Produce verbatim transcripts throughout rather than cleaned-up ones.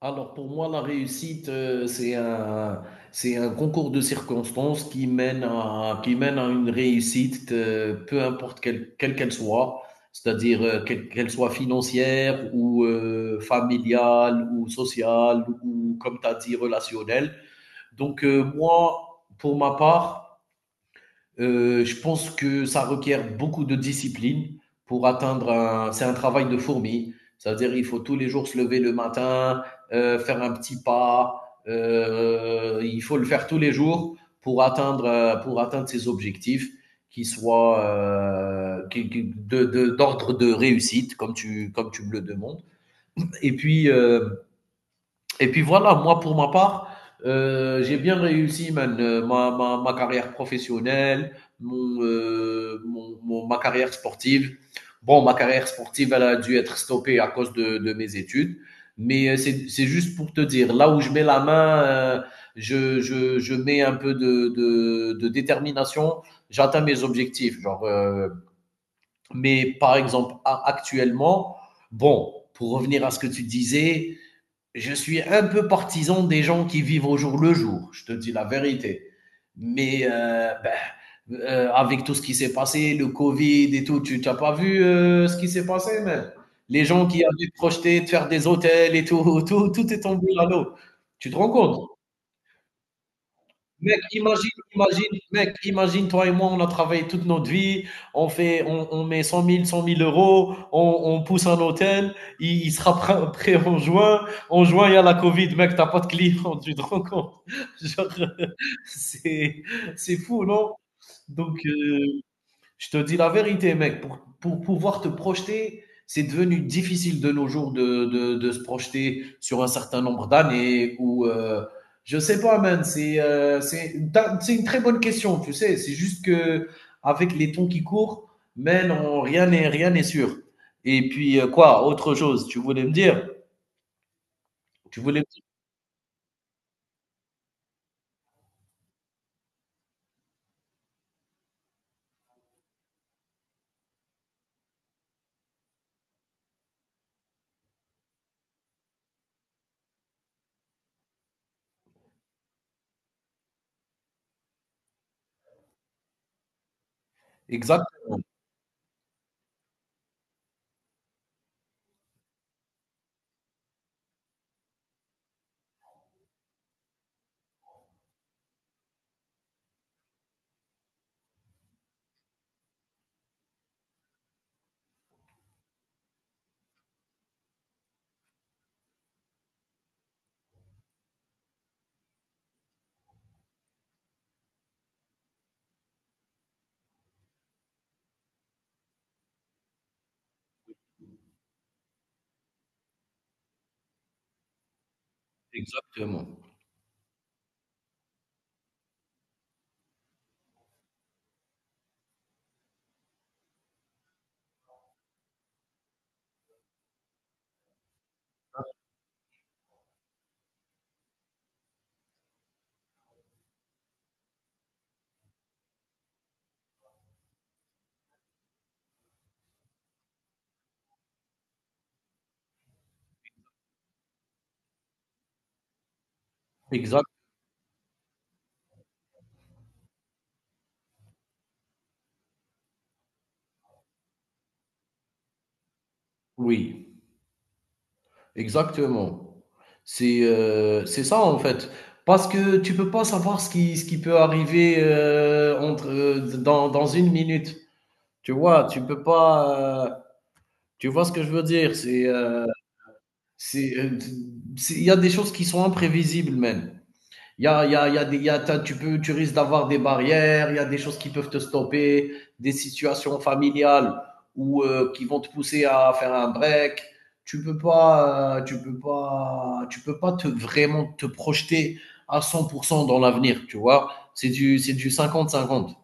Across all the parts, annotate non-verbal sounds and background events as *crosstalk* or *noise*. Alors pour moi, la réussite, euh, c'est un, c'est un concours de circonstances qui mène à, qui mène à une réussite, euh, peu importe quelle quelle qu'elle soit, c'est-à-dire euh, quelle qu'elle soit financière ou euh, familiale ou sociale ou, comme tu as dit, relationnelle. Donc euh, moi, pour ma part, euh, je pense que ça requiert beaucoup de discipline pour atteindre un. C'est un travail de fourmi. C'est-à-dire, il faut tous les jours se lever le matin, euh, faire un petit pas. Euh, il faut le faire tous les jours pour atteindre, euh, pour atteindre ses objectifs, qui soient euh, qui- qui- de- de- d'ordre de réussite, comme tu, comme tu me le demandes. Et puis, euh, et puis voilà, moi pour ma part, euh, j'ai bien réussi man, euh, ma, ma, ma carrière professionnelle, mon, euh, mon- mon- ma carrière sportive. Bon, ma carrière sportive, elle a dû être stoppée à cause de, de mes études. Mais euh, c'est c'est juste pour te dire, là où je mets la main, euh, je, je, je mets un peu de, de, de détermination, j'atteins mes objectifs. Genre, euh, mais par exemple, actuellement, bon, pour revenir à ce que tu disais, je suis un peu partisan des gens qui vivent au jour le jour, je te dis la vérité. Mais euh, ben, euh, avec tout ce qui s'est passé, le Covid et tout, tu n'as pas vu euh, ce qui s'est passé, mais les gens qui avaient projeté de faire des hôtels et tout, *laughs* tout, tout est tombé à l'eau. Tu te rends compte? Mec, imagine, imagine, mec, imagine, toi et moi, on a travaillé toute notre vie, on fait, on, on met cent mille, cent mille euros, on, on pousse un hôtel, il, il sera pr- *laughs* prêt, en juin. En juin, il y a la Covid, mec, t'as pas de clients, *laughs* tu te rends compte. *laughs* Genre, *laughs* c'est, c'est fou, non? Donc, euh, je te dis la vérité, mec, pour, pour pouvoir te projeter, c'est devenu difficile de nos jours de, de, de se projeter sur un certain nombre d'années ou euh, je sais pas, man. C'est euh, c'est c'est une très bonne question, tu sais. C'est juste que avec les temps qui courent, man, on- rien n'est rien n'est sûr. Et puis euh, quoi, autre chose, tu voulais me dire? Tu voulais me dire- Exactement, exactement, exact. Oui. Exactement. C'est heu, c'est ça en fait. Parce que tu peux pas savoir ce qui ce qui peut arriver, heu, entre, heu, dans dans une minute. Tu vois? Tu peux pas, heu, tu vois ce que je veux dire? C'est, heu, c'est, heu, c'est il y a des choses qui sont imprévisibles même. Il y a, il y a, il y a des, il y a- tu, peux, tu risques d'avoir des barrières, il y a des choses qui peuvent te stopper, des situations familiales ou euh, qui vont te pousser à faire un break. Tu peux pas, euh, tu peux pas, tu peux pas te vraiment te projeter à cent pour cent dans l'avenir, tu vois. C'est du, c'est du cinquante cinquante.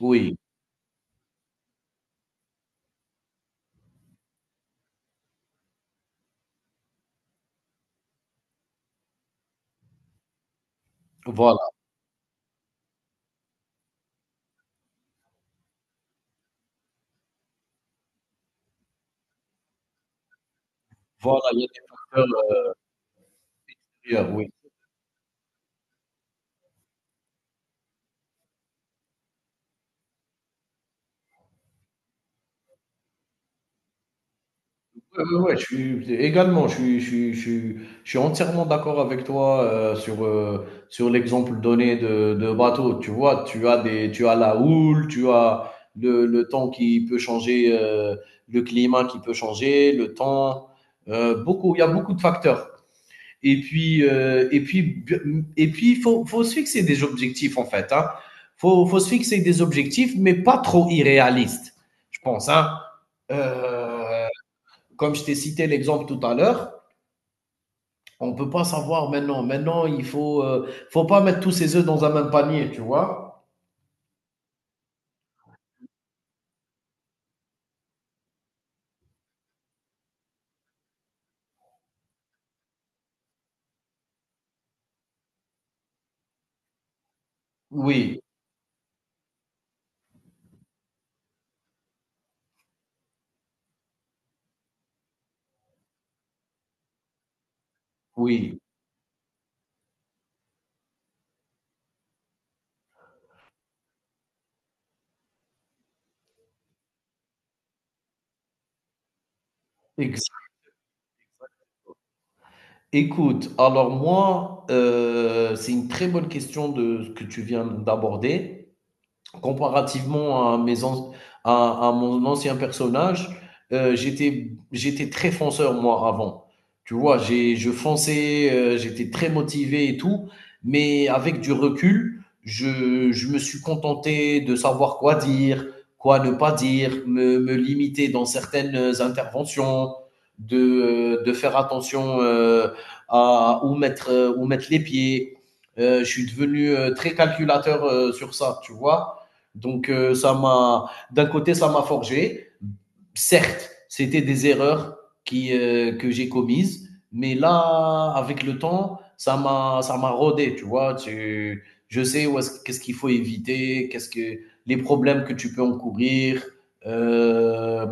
Oui, voilà, voilà, il y a des facteurs, euh, oui. Ouais, ouais, ouais, je suis également, je suis je suis je suis je suis entièrement d'accord avec toi, heu, sur, heu, sur l'exemple donné de de bateau. Tu vois, tu as des tu as la houle, tu as le le temps qui peut changer, heu, le climat qui peut changer, le temps, heu, beaucoup il y a beaucoup de facteurs et puis, heu et puis b mmh et puis il faut faut se fixer des objectifs, en fait, hein. Faut faut se fixer des objectifs, mais pas trop irréalistes, je pense, hein. Heu Comme je t'ai cité l'exemple tout à l'heure, on ne peut pas savoir maintenant. Maintenant, il ne faut, euh, faut pas mettre tous ses œufs dans un même panier, tu vois? Oui, oui. Ex- Écoute, alors moi, euh, c'est une très bonne question de ce que tu viens d'aborder. Comparativement à, mes an- à, à mon ancien personnage, euh, j'étais, j'étais très fonceur, moi, avant. Tu vois, j'ai, je fonçais, euh, j'étais très motivé et tout, mais avec du recul, je, je me suis contenté de savoir quoi dire, quoi ne pas dire, me, me limiter dans certaines interventions, de, de faire attention euh, à où mettre, où mettre les pieds. Euh, je suis devenu euh, très calculateur euh, sur ça, tu vois. Donc, euh, ça m'a, d'un côté, ça m'a forgé. Certes, c'était des erreurs qui, euh, que j'ai commises, mais là, avec le temps, ça m'a, ça m'a rodé, tu vois. Tu, je sais où est-ce, qu'est-ce qu'il faut éviter, qu'est-ce que les problèmes que tu peux encourir. Euh,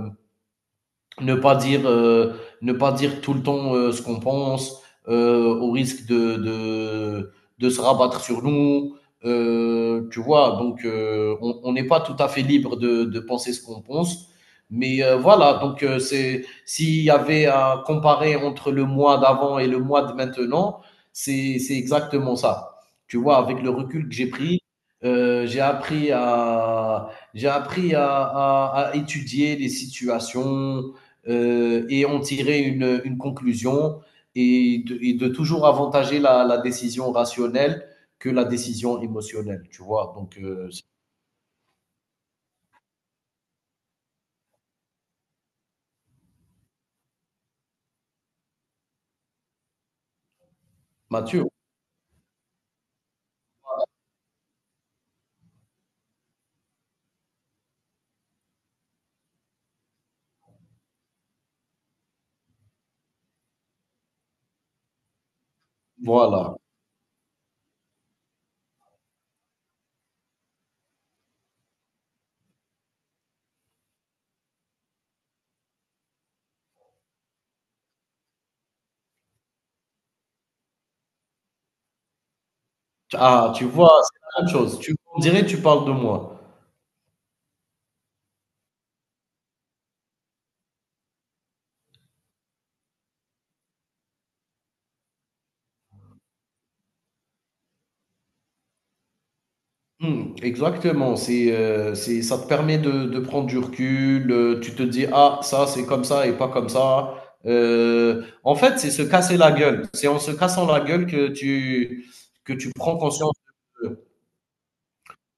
ne pas dire, euh, ne pas dire tout le temps euh, ce qu'on pense, euh, au risque de, de, de se rabattre sur nous. Euh, tu vois, donc euh, on on n'est pas tout à fait libre de, de penser ce qu'on pense. Mais euh, voilà, donc euh, c'est s'il y avait à comparer entre le mois d'avant et le mois de maintenant, c'est c'est exactement ça. Tu vois, avec le recul que j'ai pris, euh, j'ai appris à j'ai appris à, à, à étudier les situations, euh, et en tirer une, une conclusion et de, et de toujours avantager la, la décision rationnelle que la décision émotionnelle, tu vois. Donc, euh, Mathieu, voilà. Ah, tu vois, c'est la même chose. Tu, on dirait tu parles de moi. Hmm, exactement. C'est, euh, c'est, ça te permet de, de prendre du recul. Euh, tu te dis, ah, ça, c'est comme ça et pas comme ça. Euh, en fait, c'est se casser la gueule. C'est en se cassant la gueule que tu, que tu prends conscience.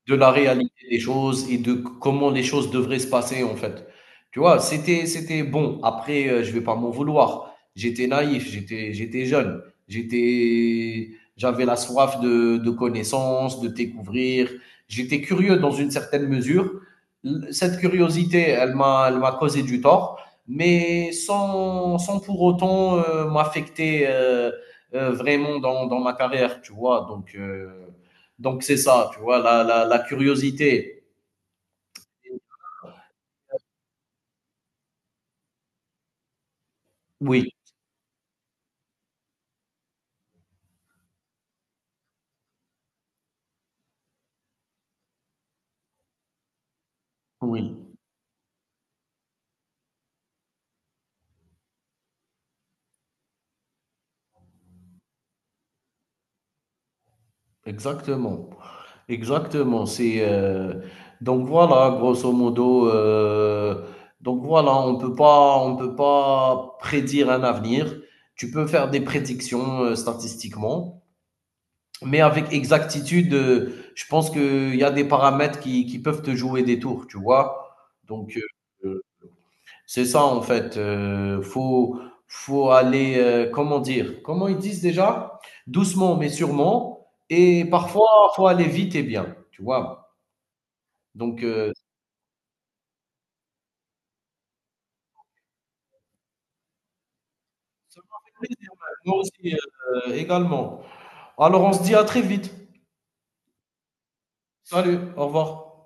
De la réalité des choses et de comment les choses devraient se passer, en fait. Tu vois? C'était c'était bon, après, heu, je vais pas m'en vouloir. J'étais naïf, j'étais j'étais jeune, j'étais j'avais la soif de de connaissances, de découvrir. J'étais curieux dans une certaine mesure. L Cette curiosité, elle m'a elle m'a causé du tort, mais sans sans pour autant, heu, m'affecter, heu heu, vraiment dans dans ma carrière, tu vois? Donc heu donc c'est ça, tu vois, la, la, la curiosité. Oui, oui, exactement. Exactement. C'est euh, donc voilà, grosso modo. Euh, donc voilà, on peut pas, on peut pas prédire un avenir. Tu peux faire des prédictions euh, statistiquement, mais avec exactitude, euh, je pense qu'il y a des paramètres qui, qui peuvent te jouer des tours, tu vois. Donc euh, c'est ça en fait, heu, faut faut aller, heu, comment dire? Comment ils disent déjà? Doucement mais sûrement et parfois, faut aller vite et bien, tu vois? Donc heu, ça m'a fait plaisir, ouais. Moi aussi, heu, également. Alors on se dit à très vite. Salut, au revoir.